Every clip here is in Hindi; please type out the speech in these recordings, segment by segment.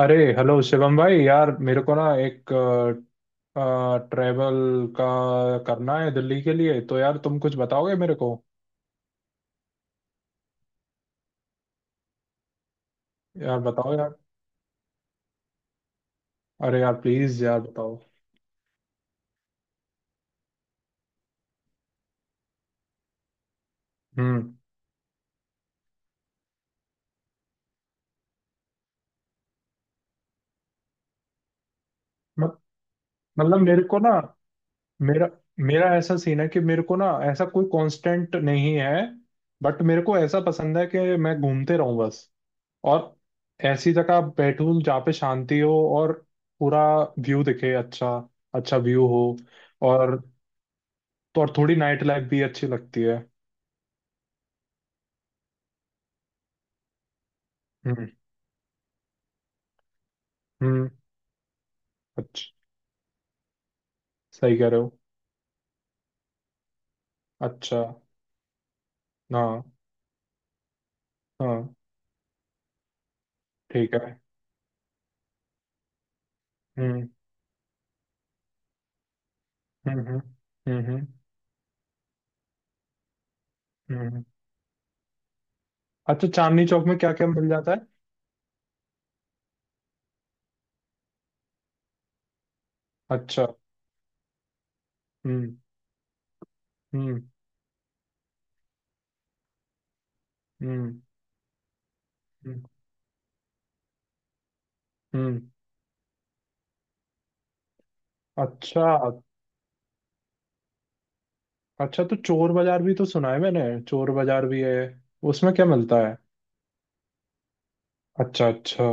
अरे हेलो शिवम भाई यार, मेरे को ना एक ट्रेवल का करना है दिल्ली के लिए। तो यार तुम कुछ बताओगे मेरे को? यार बताओ यार। अरे यार, प्लीज यार, बताओ। हम्म। मत- मतलब मेरे को ना, मेरा मेरा ऐसा सीन है कि मेरे को ना ऐसा कोई कांस्टेंट नहीं है। बट मेरे को ऐसा पसंद है कि मैं घूमते रहूं बस। और ऐसी जगह बैठूं जहाँ पे शांति हो। और पूरा व्यू दिखे अच्छा, अच्छा व्यू हो। और तो और, थोड़ी नाइट लाइफ भी अच्छी लगती है। हम्म। हम्म। अच्छा। सही कह रहे हो। अच्छा। हाँ। हाँ, ठीक है। हम्म। हम्म। हम्म। हम्म। हम्म। हम्म। हम्म। अच्छा, चांदनी चौक में क्या क्या मिल जाता है? अच्छा। हम्म। हम्म। हम्म। हम्म। हम्म। अच्छा अच्छा, तो चोर बाजार भी तो सुना है मैंने। चोर बाजार भी है? उसमें क्या मिलता है? अच्छा अच्छा।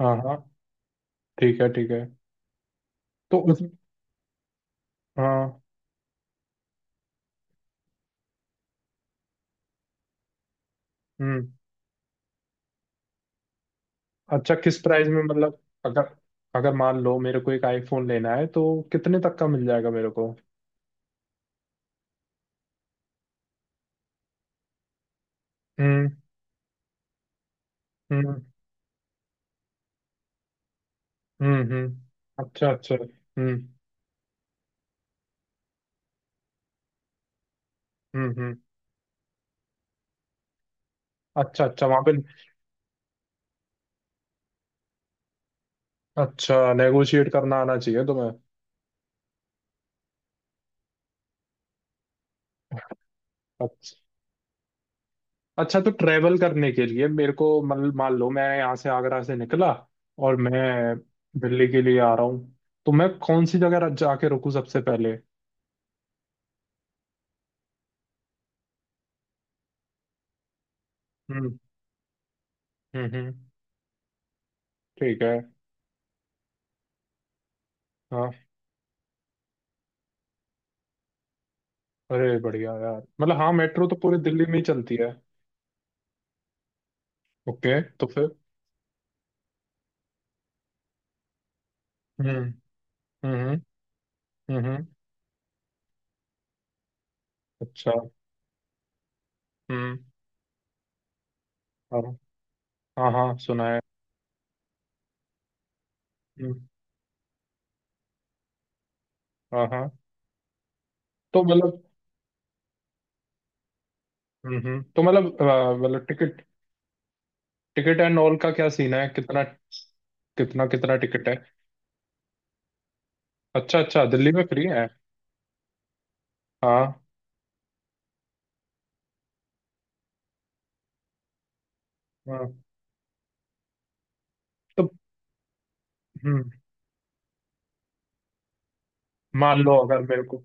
हाँ हाँ। ठीक है, ठीक है। तो उस। हाँ। हम्म। अच्छा, किस प्राइस में मतलब? अगर अगर मान लो मेरे को एक आईफोन लेना है तो कितने तक का मिल जाएगा मेरे को? हम्म। हम्म। हम्म। हम्म। अच्छा अच्छा। हम्म। हम्म। हम्म। अच्छा अच्छा, वहां पे? अच्छा, नेगोशिएट करना आना चाहिए तुम्हें? अच्छा। अच्छा, तो ट्रेवल करने के लिए मेरे को, मतलब मान लो मैं यहाँ से आगरा से निकला और मैं दिल्ली के लिए आ रहा हूँ, तो मैं कौन सी जगह जाके रुकूँ सबसे पहले? हम्म। हम्म। हम्म। ठीक है। हाँ। अरे बढ़िया यार, मतलब हाँ, मेट्रो तो पूरी दिल्ली में ही चलती है। ओके तो फिर। हम्म। हम्म। हम्म। अच्छा। हम्म। हाँ। हाँ हाँ, सुना है। हम्म। हाँ हाँ। तो मतलब। तो मतलब टिकट। टिकट एंड ऑल का क्या सीन है, कितना? कितना कितना टिकट है? अच्छा अच्छा, दिल्ली में फ्री है? हाँ। हाँ। तो हम्म मान लो अगर मेरे को।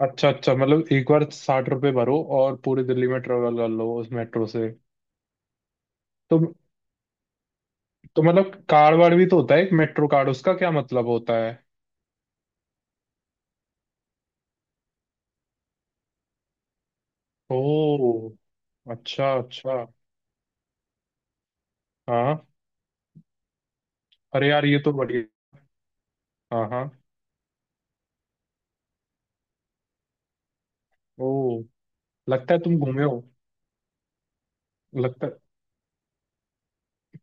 अच्छा अच्छा, मतलब एक बार 60 रुपए भरो और पूरी दिल्ली में ट्रेवल कर लो उस मेट्रो से? तो तो मतलब कार्ड वार्ड भी तो होता है एक मेट्रो कार्ड, उसका क्या मतलब होता है? ओ। अच्छा अच्छा। हाँ। अरे यार, ये तो बढ़िया। हाँ हाँ। ओ। लगता है तुम घूमे हो। लगता है।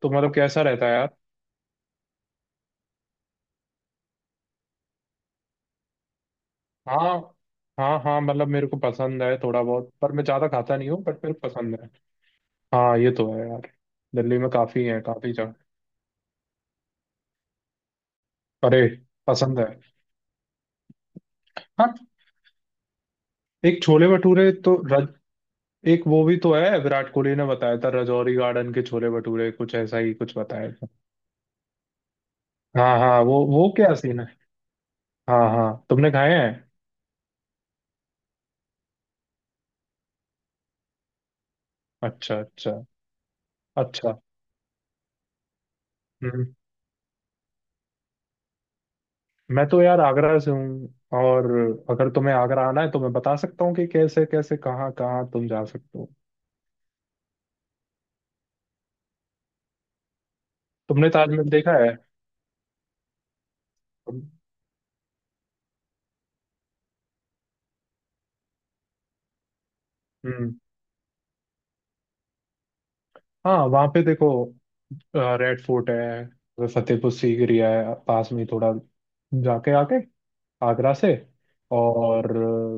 तो मतलब कैसा रहता है यार? हाँ। हाँ हाँ, मतलब मेरे को पसंद है थोड़ा बहुत, पर मैं ज्यादा खाता नहीं हूँ, बट मेरे को पसंद है। हाँ, ये तो है यार। दिल्ली में काफी है, काफी जगह। अरे। पसंद है। हाँ। एक छोले भटूरे तो रज। एक वो भी तो है, विराट कोहली ने बताया था राजौरी गार्डन के छोले भटूरे, कुछ ऐसा ही कुछ बताया। हाँ हाँ, वो क्या सीन है? हाँ हाँ, तुमने खाए हैं? अच्छा अच्छा। अच्छा। हम्म। मैं तो यार आगरा से हूँ। और अगर तुम्हें आगरा आना है तो मैं बता सकता हूँ कि कैसे कैसे कहाँ कहाँ तुम जा सकते हो। तुमने ताजमहल देखा है? हम्म। हाँ, वहाँ पे देखो, रेड फोर्ट है, फतेहपुर सीकरी है पास में ही थोड़ा, जाके आके आगरा से। और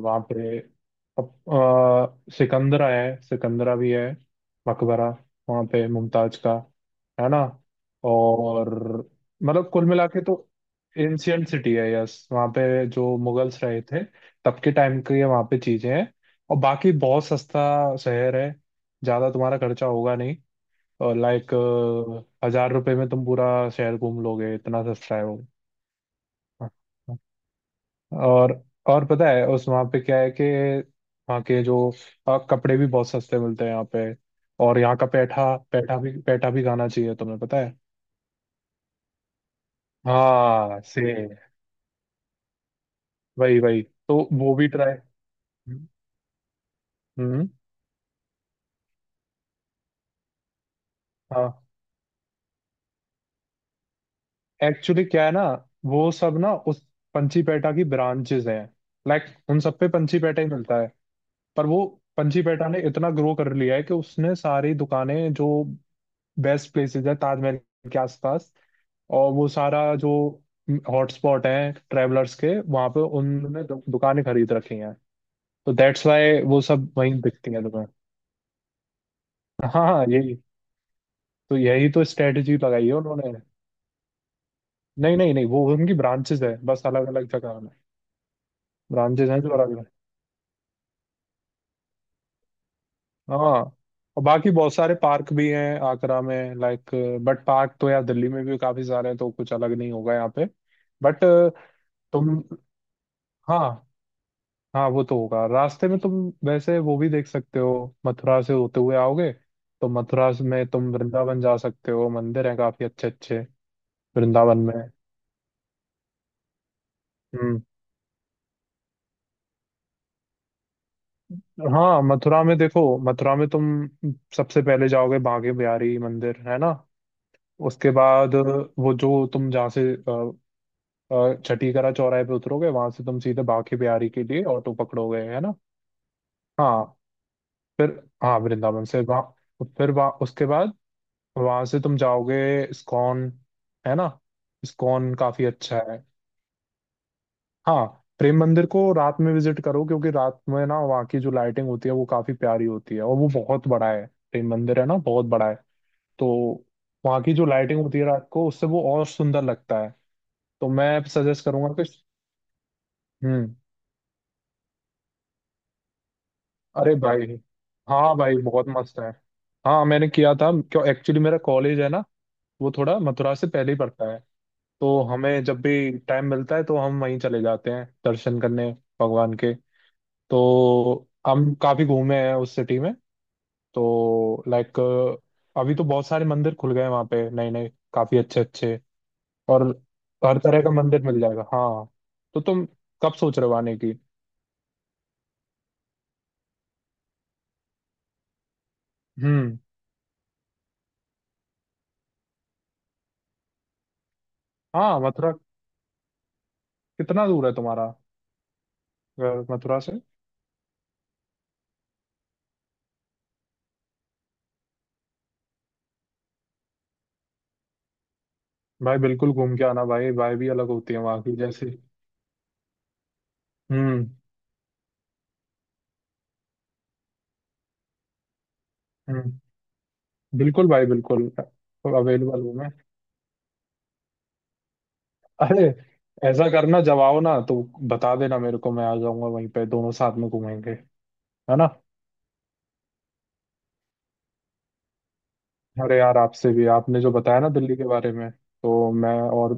वहाँ पे सिकंदरा है, सिकंदरा भी है। मकबरा वहाँ पे मुमताज का, है ना। और मतलब कुल मिला के तो एंशियंट सिटी है, यस। वहाँ पे जो मुगल्स रहे थे, तब के टाइम की ये वहाँ पे चीजें हैं। और बाकी बहुत सस्ता शहर है, ज़्यादा तुम्हारा खर्चा होगा नहीं। लाइक, 1000 रुपए में तुम पूरा शहर घूम लोगे, इतना सस्ता है। वो। और और पता है उस वहाँ पे क्या है कि वहाँ के जो कपड़े भी बहुत सस्ते मिलते हैं यहाँ पे। और यहाँ का पैठा, पैठा भी, पैठा भी खाना चाहिए, तुम्हें पता है। हाँ, सेम, वही वही। तो वो भी ट्राई। हम्म। हाँ, एक्चुअली क्या है ना, वो सब ना उस पंची पैठा की ब्रांचेस हैं, लाइक, उन सब पे पंची पैठा ही मिलता है। पर वो पंची पैठा ने इतना ग्रो कर लिया है कि उसने सारी दुकानें, जो बेस्ट प्लेसेस है ताजमहल के आसपास, और वो सारा जो हॉटस्पॉट है ट्रैवलर्स के, वहां पे उन्होंने दुकानें खरीद रखी हैं। तो दैट्स वाई वो सब वहीं दिखती हैं तुम्हें। हाँ हाँ, यही तो, यही तो स्ट्रेटजी लगाई है उन्होंने। नहीं नहीं नहीं, वो उनकी ब्रांचेस है बस अलग अलग जगह में। ब्रांचेस हैं जो अलग अलग। हाँ। और बाकी बहुत सारे पार्क भी हैं आगरा में, लाइक। बट पार्क तो यार दिल्ली में भी काफी सारे हैं, तो कुछ अलग नहीं होगा यहाँ पे। बट तुम। हाँ हाँ, वो तो होगा रास्ते में। तुम वैसे वो भी देख सकते हो। मथुरा से होते हुए आओगे तो में तुम वृंदावन जा सकते हो, मंदिर हैं काफी अच्छे अच्छे। वृंदावन में। हम्म। हाँ, मथुरा में देखो, मथुरा में तुम सबसे पहले जाओगे बांके बिहारी मंदिर, है ना। उसके बाद वो जो तुम जहाँ से छठीकरा चौराहे पे उतरोगे, वहां से तुम सीधे बांके बिहारी के लिए ऑटो पकड़ोगे, है ना। हाँ, फिर। हाँ, वृंदावन से वहाँ, फिर वहाँ, उसके बाद वहां से तुम जाओगे इस्कॉन, है ना। इस्कॉन काफी अच्छा है। हाँ। प्रेम मंदिर को रात में विजिट करो, क्योंकि रात में ना वहाँ की जो लाइटिंग होती है वो काफी प्यारी होती है, और वो बहुत बड़ा है। प्रेम मंदिर है ना बहुत बड़ा है। तो वहाँ की जो लाइटिंग होती है रात को, उससे वो और सुंदर लगता है। तो मैं सजेस्ट करूंगा कि। हम्म। अरे भाई, हाँ भाई बहुत मस्त है। हाँ, मैंने किया था। क्यों? एक्चुअली मेरा कॉलेज है ना, वो थोड़ा मथुरा से पहले ही पड़ता है। तो हमें जब भी टाइम मिलता है तो हम वहीं चले जाते हैं दर्शन करने भगवान के। तो हम काफी घूमे हैं उस सिटी में। तो लाइक, अभी तो बहुत सारे मंदिर खुल गए हैं वहाँ पे, नए नए, काफी अच्छे अच्छे। और हर तरह का मंदिर मिल जाएगा। हाँ। तो तुम कब सोच रहे हो आने की? हम्म। हाँ, मथुरा कितना दूर है तुम्हारा? मथुरा से? भाई बिल्कुल घूम के आना, भाई भाई भी अलग होती है वहाँ की जैसे। हम्म। हम्म। बिल्कुल भाई, बिल्कुल। अवेलेबल हूँ मैं। अरे, ऐसा करना जब आओ ना तो बता देना मेरे को, मैं आ जाऊंगा, वहीं पे दोनों साथ में घूमेंगे, है ना। अरे यार, आपसे भी, आपने जो बताया ना दिल्ली के बारे में, तो मैं। और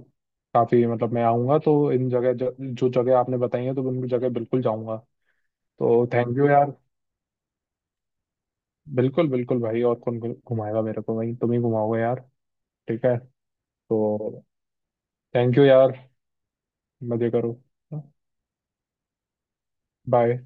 काफी, मतलब मैं आऊंगा तो इन जगह, जो जगह आपने बताई है, तो उन जगह बिल्कुल जाऊंगा। तो थैंक यू यार। बिल्कुल बिल्कुल भाई, और कौन घुमाएगा मेरे को, वहीं तुम ही घुमाओगे यार। ठीक है। तो थैंक यू यार। मजे करो। बाय।